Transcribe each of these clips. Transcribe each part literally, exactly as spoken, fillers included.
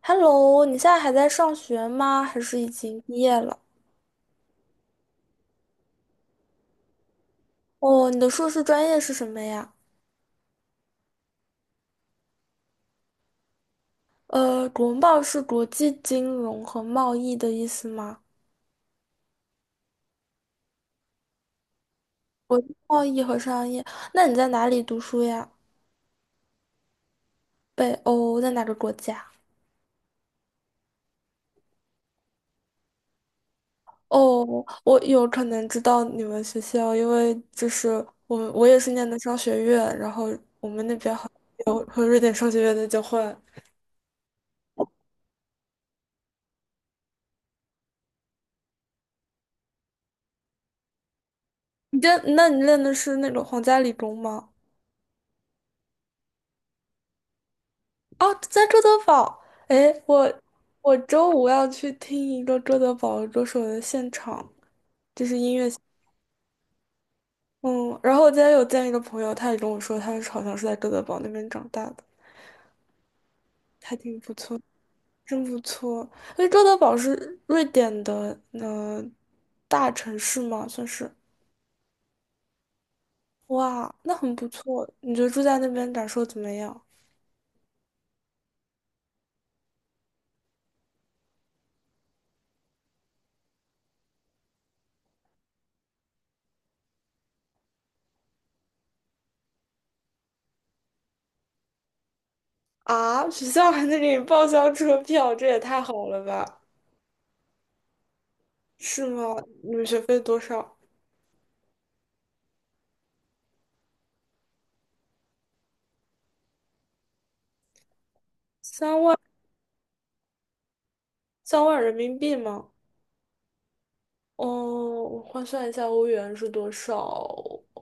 Hello，你现在还在上学吗？还是已经毕业了？哦，你的硕士专业是什么呀？呃，国贸是国际金融和贸易的意思吗？贸易和商业，那你在哪里读书呀？北欧，在哪个国家？哦，我有可能知道你们学校，因为就是我我也是念的商学院，然后有和瑞典商学院的交换。你这，那你念的是那个皇家理工吗？哦，在周德堡，哎，我我周五要去听一个周德堡歌手的现场，就是音乐现嗯，然后我今天有见一个朋友，他也跟我说，他是好像是在周德堡那边长大的，还挺不错，真不错。因为周德堡是瑞典的，呃，大城市嘛，算是，哇，那很不错。你觉得住在那边感受怎么样？啊，学校还能给你报销车票，这也太好了吧？是吗？你们学费多少？三万。三万人民币吗？哦，我换算一下欧元是多少？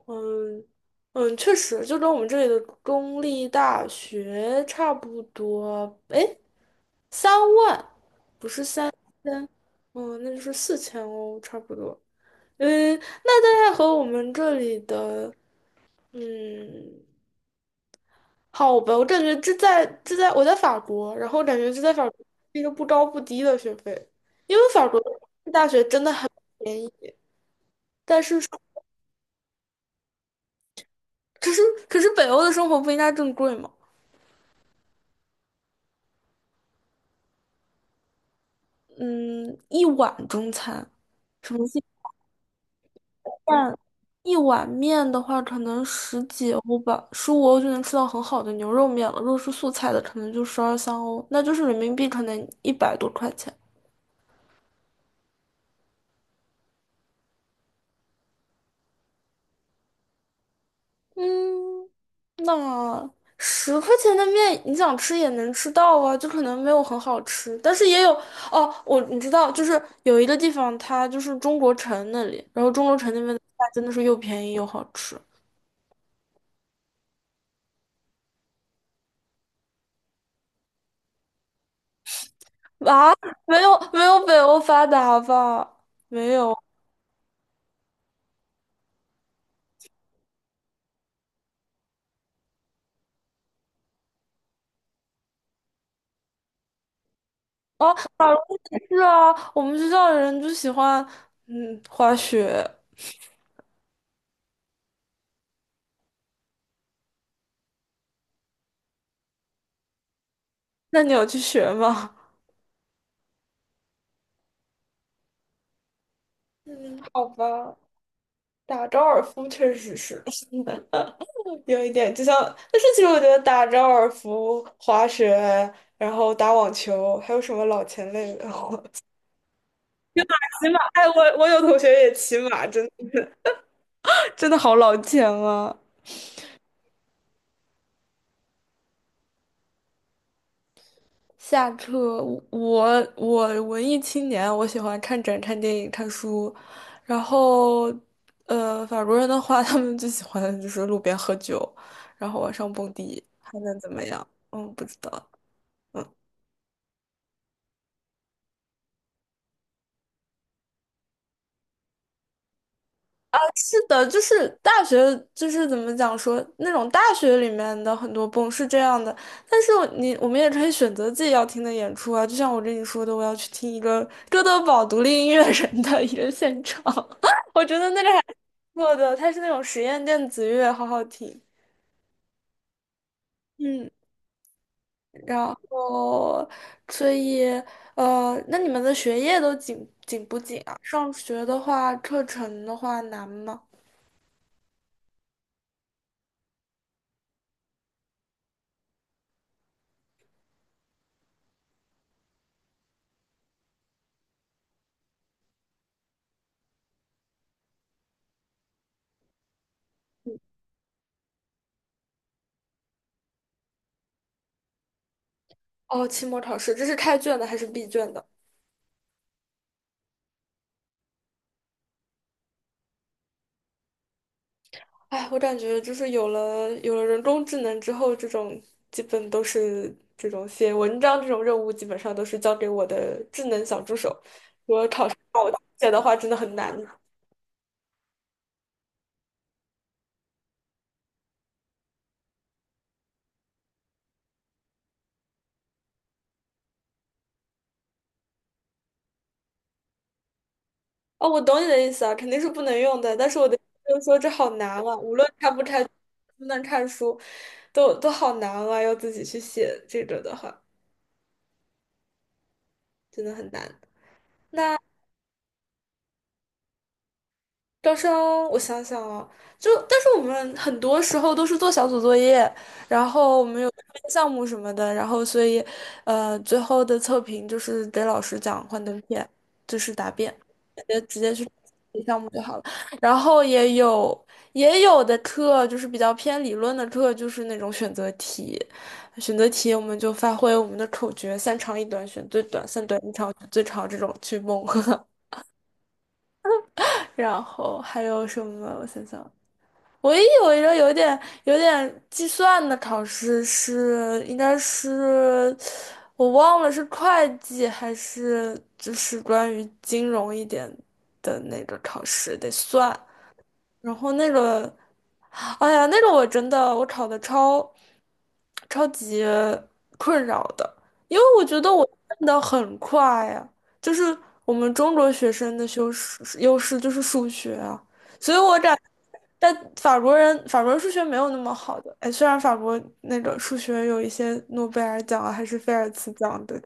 嗯嗯，确实就跟我们这里的公立大学差不多。诶，三万，不是三千，哦，那就是四千欧，差不多。嗯，那大概和我们这里的，嗯，好吧，我感觉这在这在我在法国，然后我感觉这在法国是一个不高不低的学费，因为法国的大学真的很。但是可是可是北欧的生活不应该更贵吗？嗯，一碗中餐，什么鸡蛋，一碗面的话，可能十几欧吧，十五欧就能吃到很好的牛肉面了。如果是素菜的，可能就十二三欧，那就是人民币可能一百多块钱。嗯，那十块钱的面，你想吃也能吃到啊，就可能没有很好吃，但是也有哦。我你知道，就是有一个地方，它就是中国城那里，然后中国城那边的菜真的是又便宜又好吃。啊，没有没有北欧发达吧？没有啊，法国也是啊，我们学校的人就喜欢嗯滑雪，那你有去学吗？嗯，好吧，打高尔夫确实是 有一点，就像，但是其实我觉得打高尔夫、滑雪，然后打网球，还有什么老钱类的，骑马，哎，我我有同学也骑马，真的真的好老钱啊。下课，我我文艺青年，我喜欢看展、看电影、看书，然后，呃，法国人的话，他们最喜欢的就是路边喝酒，然后晚上蹦迪，还能怎么样？嗯，不知道。嗯，是的，就是大学，就是怎么讲说，那种大学里面的很多蹦是这样的，但是我你我们也可以选择自己要听的演出啊，就像我跟你说的，我要去听一个哥德堡独立音乐人的一个现场。我觉得那个还。做的，它是那种实验电子乐，好好听。嗯，然后所以呃，那你们的学业都紧紧不紧啊？上学的话，课程的话难吗？哦，期末考试，这是开卷的还是闭卷的？哎，我感觉就是有了有了人工智能之后，这种基本都是这种写文章这种任务，基本上都是交给我的智能小助手。我考试让我写的话，真的很难。哦，我懂你的意思啊，肯定是不能用的。但是我的意思就是说，这好难啊，无论看不看能不能看书，都都好难啊，要自己去写这个的话，真的很难。那招生，我想想啊，就但是我们很多时候都是做小组作业，然后我们有项目什么的，然后所以，呃，最后的测评就是给老师讲幻灯片，就是答辩，直接直接去项目就好了。然后也有也有的课就是比较偏理论的课，就是那种选择题，选择题我们就发挥我们的口诀，三长一短选最短，三短一长选最长这种去蒙。然后还有什么？我想想。唯一有一个有点有点计算的考试是，应该是我忘了是会计还是就是关于金融一点的那个考试，得算。然后那个，哎呀，那个我真的我考的超超级困扰的，因为我觉得我变的很快呀，就是我们中国学生的优势优势就是数学啊，所以我感但法国人法国人数学没有那么好的，哎，虽然法国那个数学有一些诺贝尔奖啊，还是菲尔兹奖的，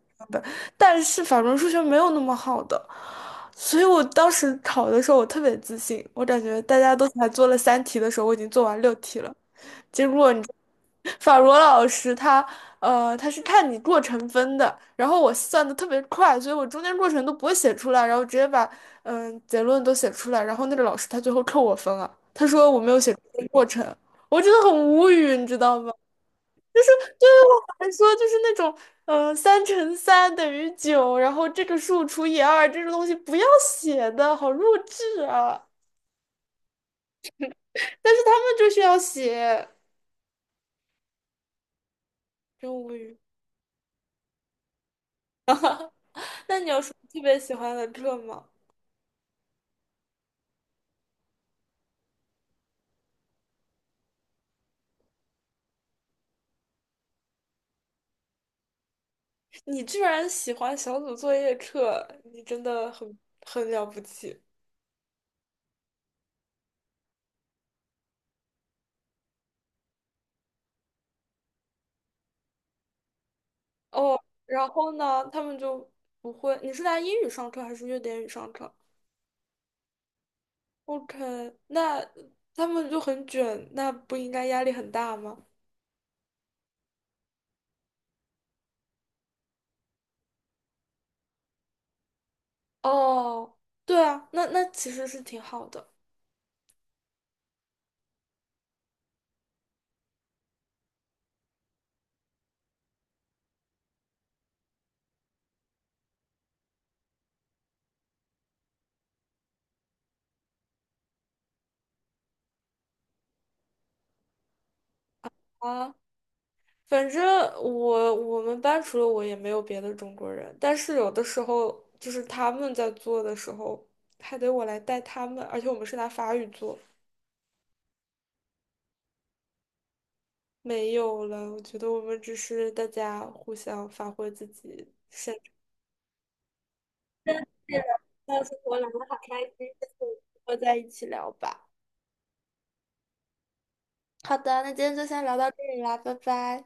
但是法国人数学没有那么好的。所以我当时考的时候，我特别自信，我感觉大家都才做了三题的时候，我已经做完六题了。结果你知道法罗老师他呃他是看你过程分的，然后我算的特别快，所以我中间过程都不会写出来，然后直接把嗯、结论都写出来，然后那个老师他最后扣我分了，他说我没有写出过程，我真的很无语，你知道吗？就是对是我来说就是那种嗯，三乘三等于九，然后这个数除以二这种东西不要写的，好弱智啊！但是他们就是要写，真无语。那你有什么特别喜欢的课吗？你居然喜欢小组作业课，你真的很很了不起哦。然后呢，他们就不会。你是拿英语上课还是瑞典语上课？OK，那他们就很卷，那不应该压力很大吗？哦，对啊，那那其实是挺好的啊。反正我我们班除了我也没有别的中国人，但是有的时候就是他们在做的时候，还得我来带他们，而且我们是拿法语做，没有了。我觉得我们只是大家互相发挥自己擅长。那生活聊得好开心，下次我们再一起聊吧。好的，那今天就先聊到这里啦，拜拜。